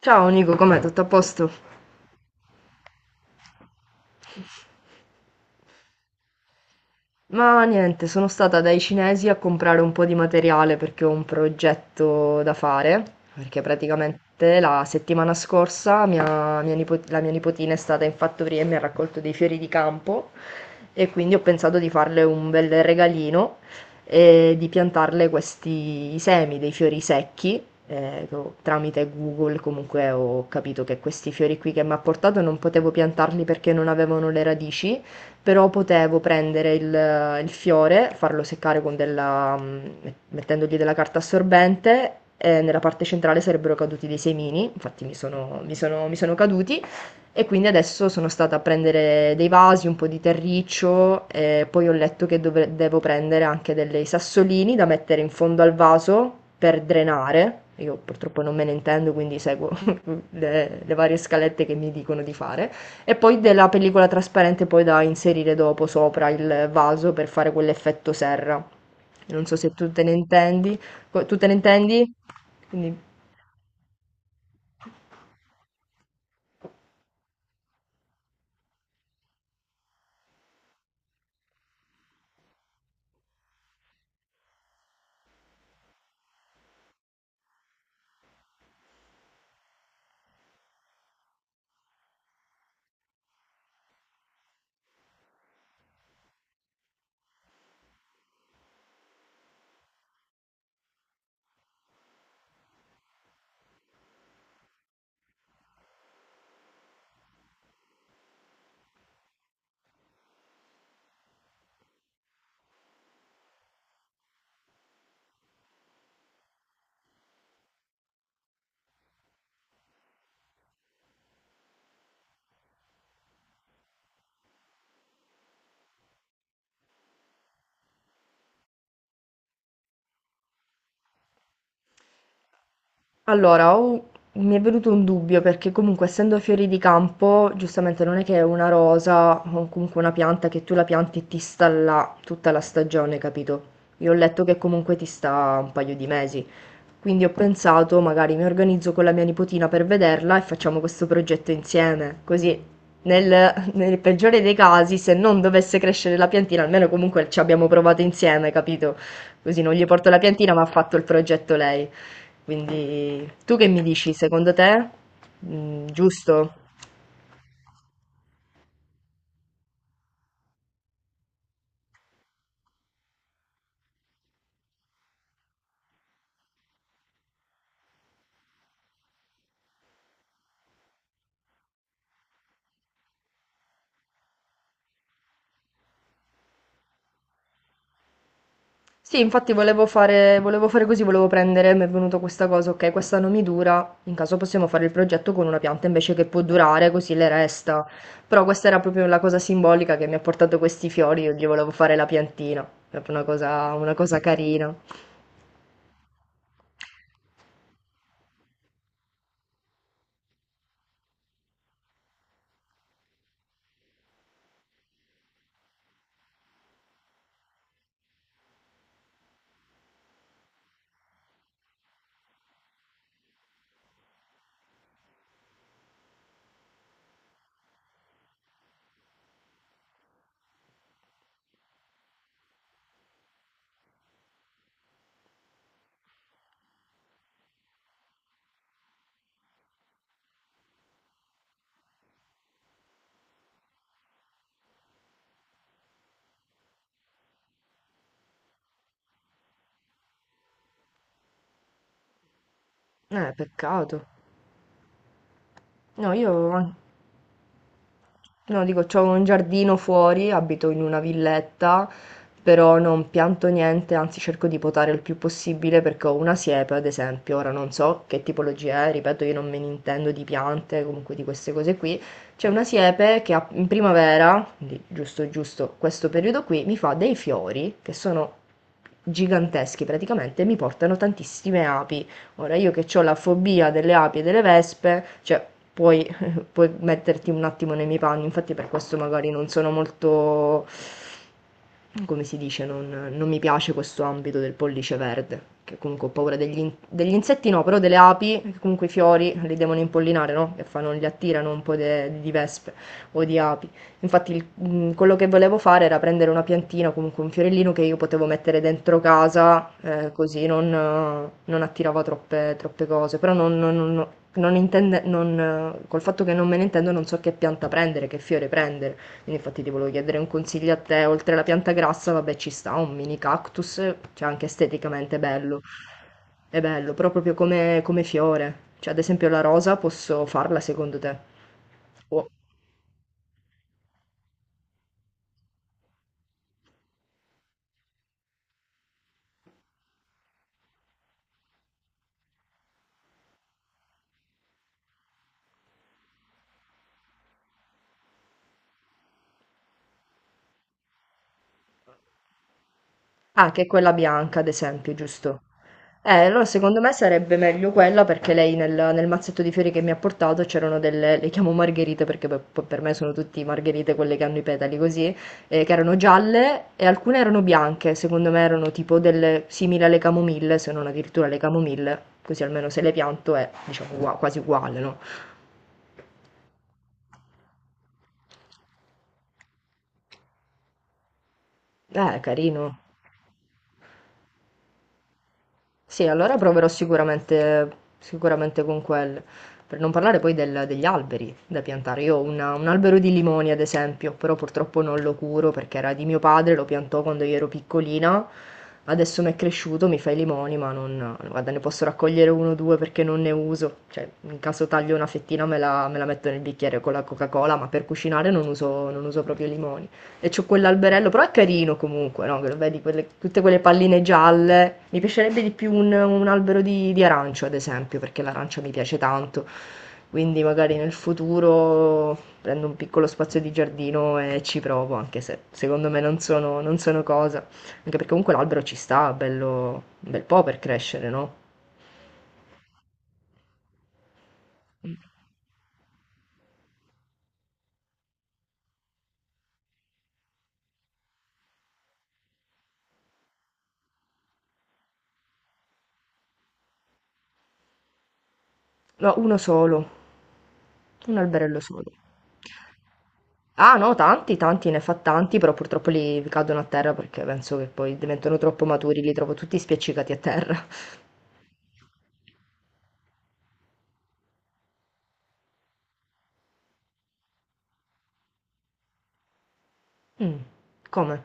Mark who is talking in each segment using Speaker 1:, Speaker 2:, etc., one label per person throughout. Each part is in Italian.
Speaker 1: Ciao Nico, com'è? Tutto a posto? Ma niente, sono stata dai cinesi a comprare un po' di materiale perché ho un progetto da fare, perché praticamente la settimana scorsa la mia nipotina è stata in fattoria e mi ha raccolto dei fiori di campo, e quindi ho pensato di farle un bel regalino e di piantarle questi semi dei fiori secchi. Tramite Google comunque ho capito che questi fiori qui che mi ha portato non potevo piantarli perché non avevano le radici, però potevo prendere il fiore, farlo seccare con della, mettendogli della carta assorbente, e nella parte centrale sarebbero caduti dei semini. Infatti mi sono caduti, e quindi adesso sono stata a prendere dei vasi, un po' di terriccio, e poi ho letto che devo prendere anche dei sassolini da mettere in fondo al vaso per drenare. Io purtroppo non me ne intendo, quindi seguo le varie scalette che mi dicono di fare. E poi della pellicola trasparente poi da inserire dopo sopra il vaso per fare quell'effetto serra. Non so se tu te ne intendi. Tu te ne intendi? Quindi- Allora, mi è venuto un dubbio perché comunque essendo fiori di campo, giustamente non è che è una rosa o comunque una pianta che tu la pianti e ti sta là tutta la stagione, capito? Io ho letto che comunque ti sta un paio di mesi. Quindi ho pensato, magari mi organizzo con la mia nipotina per vederla e facciamo questo progetto insieme. Così, nel peggiore dei casi, se non dovesse crescere la piantina, almeno comunque ci abbiamo provato insieme, capito? Così non gli porto la piantina, ma ha fatto il progetto lei. Quindi, tu che mi dici? Secondo te? Mm, giusto? Sì, infatti volevo fare così, volevo prendere, mi è venuta questa cosa, ok, questa non mi dura, in caso possiamo fare il progetto con una pianta invece che può durare, così le resta. Però questa era proprio la cosa simbolica che mi ha portato questi fiori, io gli volevo fare la piantina, proprio una cosa carina. Peccato. No, io... No, dico, c'ho un giardino fuori, abito in una villetta, però non pianto niente, anzi cerco di potare il più possibile perché ho una siepe, ad esempio, ora non so che tipologia è, ripeto, io non me ne intendo di piante, comunque di queste cose qui. C'è una siepe che in primavera, quindi giusto giusto questo periodo qui, mi fa dei fiori che sono giganteschi praticamente e mi portano tantissime api. Ora io che ho la fobia delle api e delle vespe, cioè puoi puoi metterti un attimo nei miei panni, infatti per questo magari non sono molto come si dice, non mi piace questo ambito del pollice verde, che comunque ho paura degli insetti, no? Però delle api, che comunque i fiori li devono impollinare, no? Che fanno, li attirano un po' di vespe o di api. Infatti quello che volevo fare era prendere una piantina, comunque un fiorellino che io potevo mettere dentro casa, così non, non attirava troppe cose, però non... non- non- non intende- non, col fatto che non me ne intendo non so che pianta prendere, che fiore prendere. Quindi infatti ti volevo chiedere un consiglio a te, oltre alla pianta grassa, vabbè, ci sta un mini cactus, cioè anche esteticamente è bello, però proprio come fiore, cioè ad esempio la rosa posso farla secondo te? O Ah, che è quella bianca, ad esempio, giusto? Allora secondo me sarebbe meglio quella perché lei nel mazzetto di fiori che mi ha portato c'erano delle, le chiamo margherite perché per me sono tutte margherite quelle che hanno i petali così, che erano gialle e alcune erano bianche, secondo me erano tipo delle simili alle camomille, se non addirittura le camomille, così almeno se le pianto è diciamo quasi uguale, no? Carino. Sì, allora proverò sicuramente, sicuramente con quelle. Per non parlare poi degli alberi da piantare. Io ho un albero di limoni, ad esempio, però purtroppo non lo curo perché era di mio padre, lo piantò quando io ero piccolina. Adesso mi è cresciuto, mi fa i limoni, ma non, guarda, ne posso raccogliere uno o due perché non ne uso. Cioè, in caso taglio una fettina me la metto nel bicchiere con la Coca-Cola, ma per cucinare non uso proprio i limoni. E c'ho quell'alberello, però è carino comunque, no? Che lo vedi tutte quelle palline gialle. Mi piacerebbe di più un albero di arancio, ad esempio, perché l'arancia mi piace tanto. Quindi magari nel futuro prendo un piccolo spazio di giardino e ci provo, anche se secondo me non sono cosa. Anche perché comunque l'albero ci sta, bello, un bel po' per crescere, no? No, uno solo, un alberello solo. Ah no, tanti, tanti, ne fa tanti, però purtroppo li cadono a terra perché penso che poi diventano troppo maturi, li trovo tutti spiaccicati a terra. Mm, come?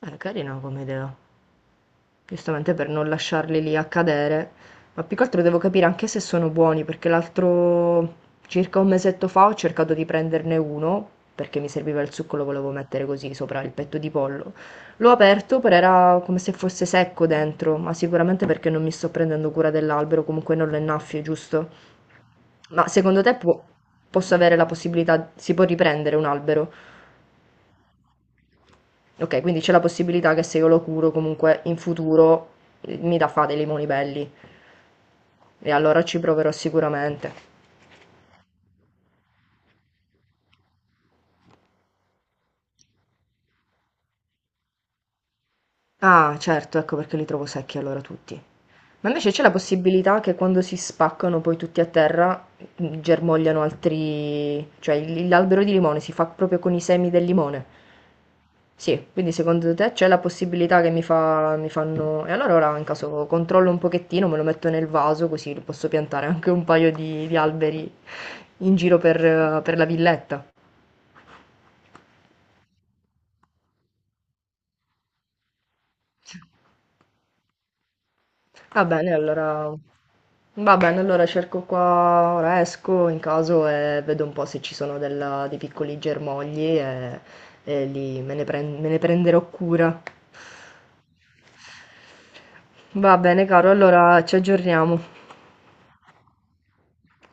Speaker 1: Carina come idea. Giustamente per non lasciarli lì a cadere, ma più che altro devo capire anche se sono buoni, perché l'altro circa un mesetto fa ho cercato di prenderne uno, perché mi serviva il succo, lo volevo mettere così sopra il petto di pollo. L'ho aperto, però era come se fosse secco dentro, ma sicuramente perché non mi sto prendendo cura dell'albero, comunque non lo innaffio, giusto? Ma secondo te posso avere la possibilità, si può riprendere un albero? Ok, quindi c'è la possibilità che se io lo curo comunque in futuro mi dà fa dei limoni belli, e allora ci proverò sicuramente. Ah, certo, ecco perché li trovo secchi allora tutti. Ma invece c'è la possibilità che quando si spaccano poi tutti a terra germogliano altri... cioè l'albero di limone si fa proprio con i semi del limone. Sì, quindi secondo te c'è la possibilità che mi fanno... E allora ora in caso controllo un pochettino, me lo metto nel vaso così posso piantare anche un paio di alberi in giro per la villetta. Va bene, allora... Va bene, allora cerco qua, ora esco in caso e vedo un po' se ci sono dei piccoli germogli, me ne prenderò cura. Va bene, caro, allora ci aggiorniamo.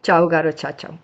Speaker 1: Ciao, caro, ciao, ciao.